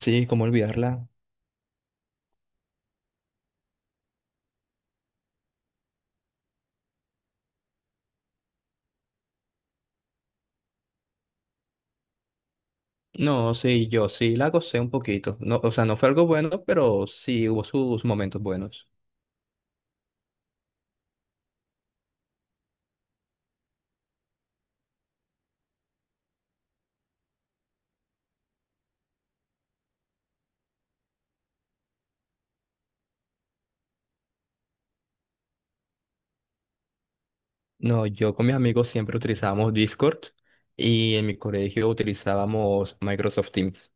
Sí, cómo olvidarla. No, sí, yo sí la gocé un poquito. No, o sea, no fue algo bueno, pero sí hubo sus momentos buenos. No, yo con mis amigos siempre utilizábamos Discord y en mi colegio utilizábamos Microsoft Teams.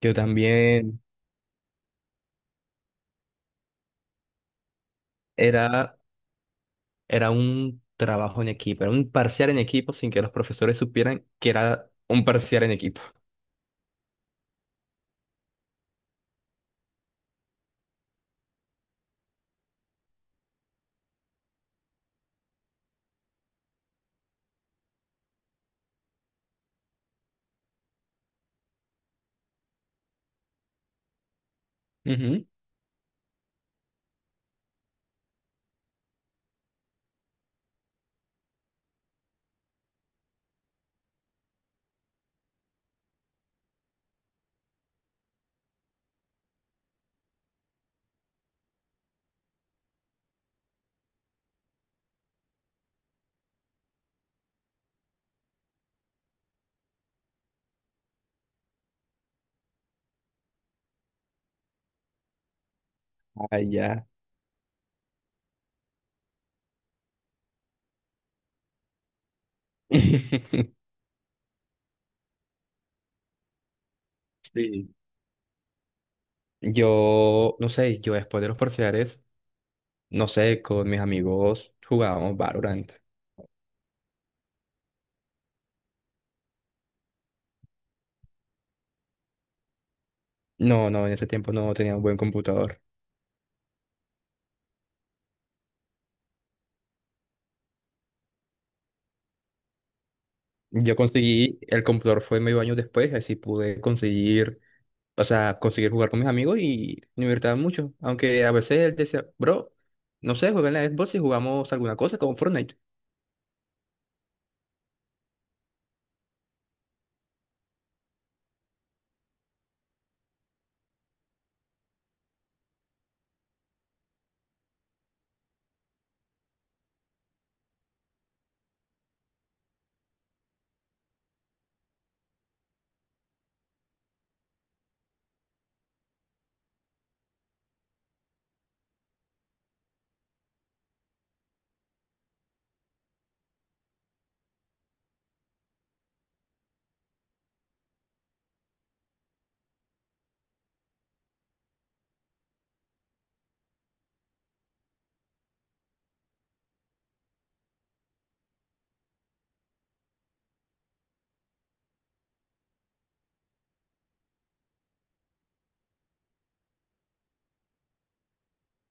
Yo también era, era un trabajo en equipo, era un parcial en equipo sin que los profesores supieran que era un parcial en equipo. Ujú. Ah, ya. Sí. Yo, no sé, yo después de los parciales, no sé, con mis amigos jugábamos Valorant. No, no, en ese tiempo no tenía un buen computador. Yo conseguí, el computador fue medio año después, así pude conseguir, o sea, conseguir jugar con mis amigos y me divertía mucho. Aunque a veces él decía, bro, no sé, juega en la Xbox y jugamos alguna cosa como Fortnite.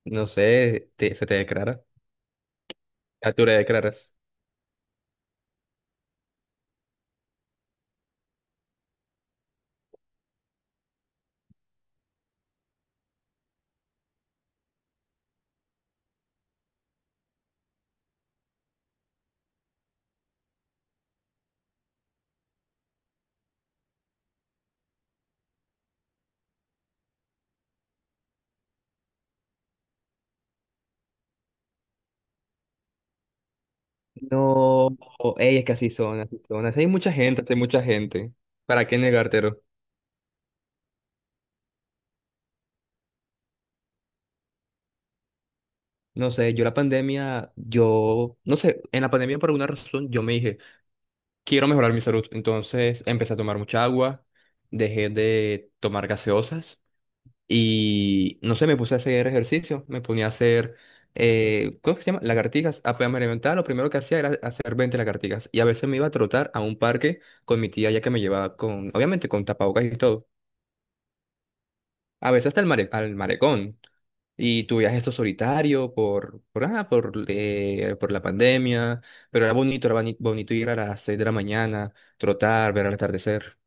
No sé, se te declara. Ah, tú le declaras. No, ey, es que así son, así son. Así hay mucha gente, así hay mucha gente. ¿Para qué negártelo? No sé, yo la pandemia, yo, no sé, en la pandemia por alguna razón yo me dije, quiero mejorar mi salud. Entonces empecé a tomar mucha agua, dejé de tomar gaseosas y, no sé, me puse a hacer ejercicio, me ponía a hacer, ¿cómo es que se llama? Lagartijas. Apenas me levantaba, lo primero que hacía era hacer 20 lagartijas. Y a veces me iba a trotar a un parque con mi tía ya que me llevaba con, obviamente con tapabocas y todo. A veces hasta el al marecón. Y tu viaje esto solitario por la pandemia, pero era bonito, bonito ir a las 6 de la mañana, trotar, ver el atardecer.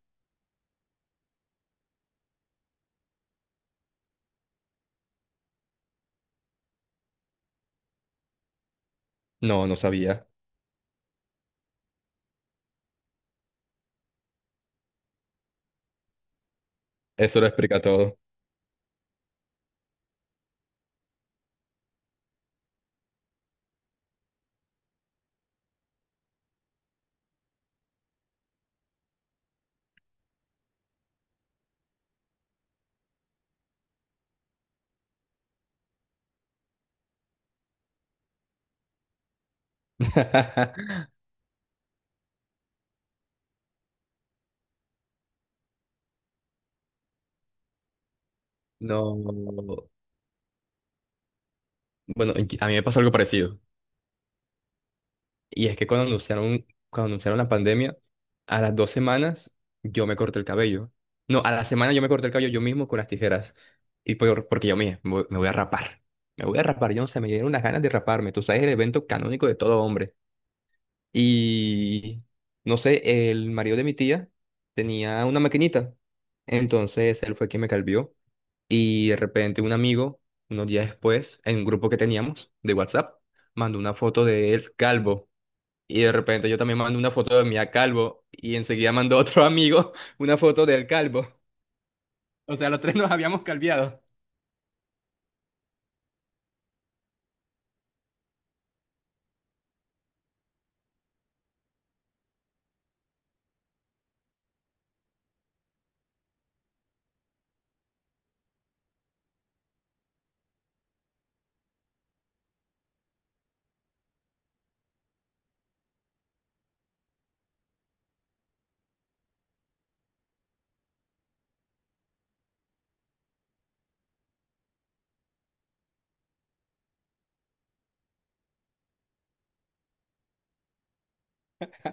No, no sabía. Eso lo explica todo. No. Bueno, y- a mí me pasó algo parecido. Y es que cuando anunciaron la pandemia, a las 2 semanas yo me corté el cabello. No, a la semana yo me corté el cabello yo mismo con las tijeras. Y porque yo me voy a rapar. Me voy a rapar, yo no sé, me dieron unas ganas de raparme. Tú sabes, el evento canónico de todo hombre. Y no sé, el marido de mi tía tenía una maquinita. Entonces él fue quien me calvió. Y de repente un amigo, unos días después, en un grupo que teníamos de WhatsApp, mandó una foto de él calvo. Y de repente yo también mando una foto de mí a calvo. Y enseguida mandó otro amigo una foto del calvo. O sea, los tres nos habíamos calviado.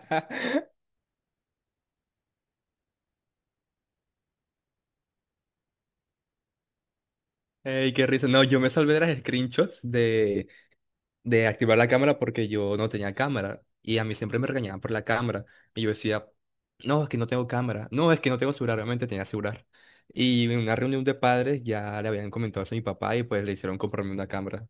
Ey, qué risa. No, yo me salvé de las screenshots de activar la cámara porque yo no tenía cámara y a mí siempre me regañaban por la cámara y yo decía, no, es que no tengo cámara, no, es que no tengo celular, obviamente tenía celular. Y en una reunión de padres ya le habían comentado eso a mi papá y pues le hicieron comprarme una cámara.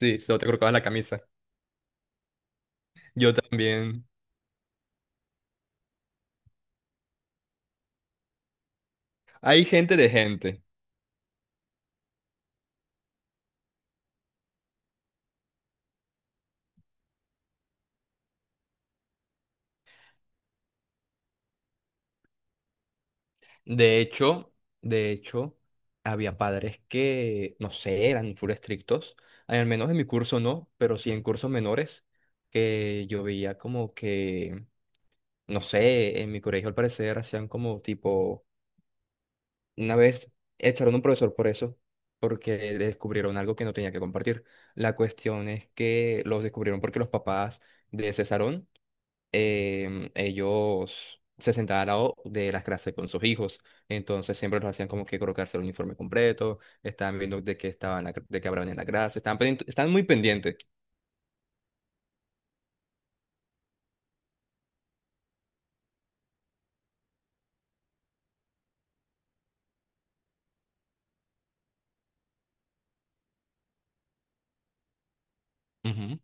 Sí, solo te colocabas la camisa. Yo también. Hay gente. De hecho, de hecho, había padres que, no sé, eran full estrictos. Al menos en mi curso no, pero sí en cursos menores que yo veía como que no sé, en mi colegio al parecer hacían como tipo, una vez echaron a un profesor por eso, porque le descubrieron algo que no tenía que compartir. La cuestión es que los descubrieron porque los papás de ese salón, ellos se sentaban al lado de las clases con sus hijos, entonces siempre los hacían como que colocarse el uniforme completo, estaban viendo de qué estaban, la de qué hablaban en la clase, estaban, estaban muy pendientes. Ujú.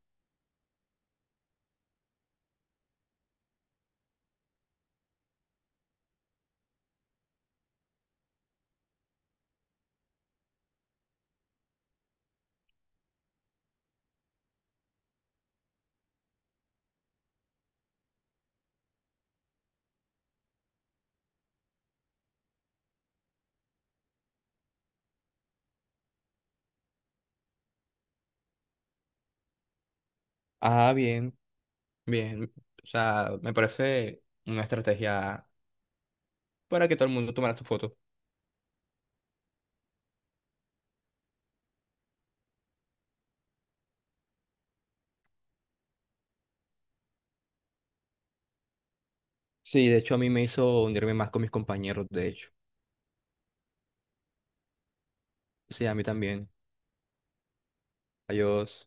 Ah, bien, bien. O sea, me parece una estrategia para que todo el mundo tomara su foto. Sí, de hecho a mí me hizo unirme más con mis compañeros, de hecho. Sí, a mí también. Adiós.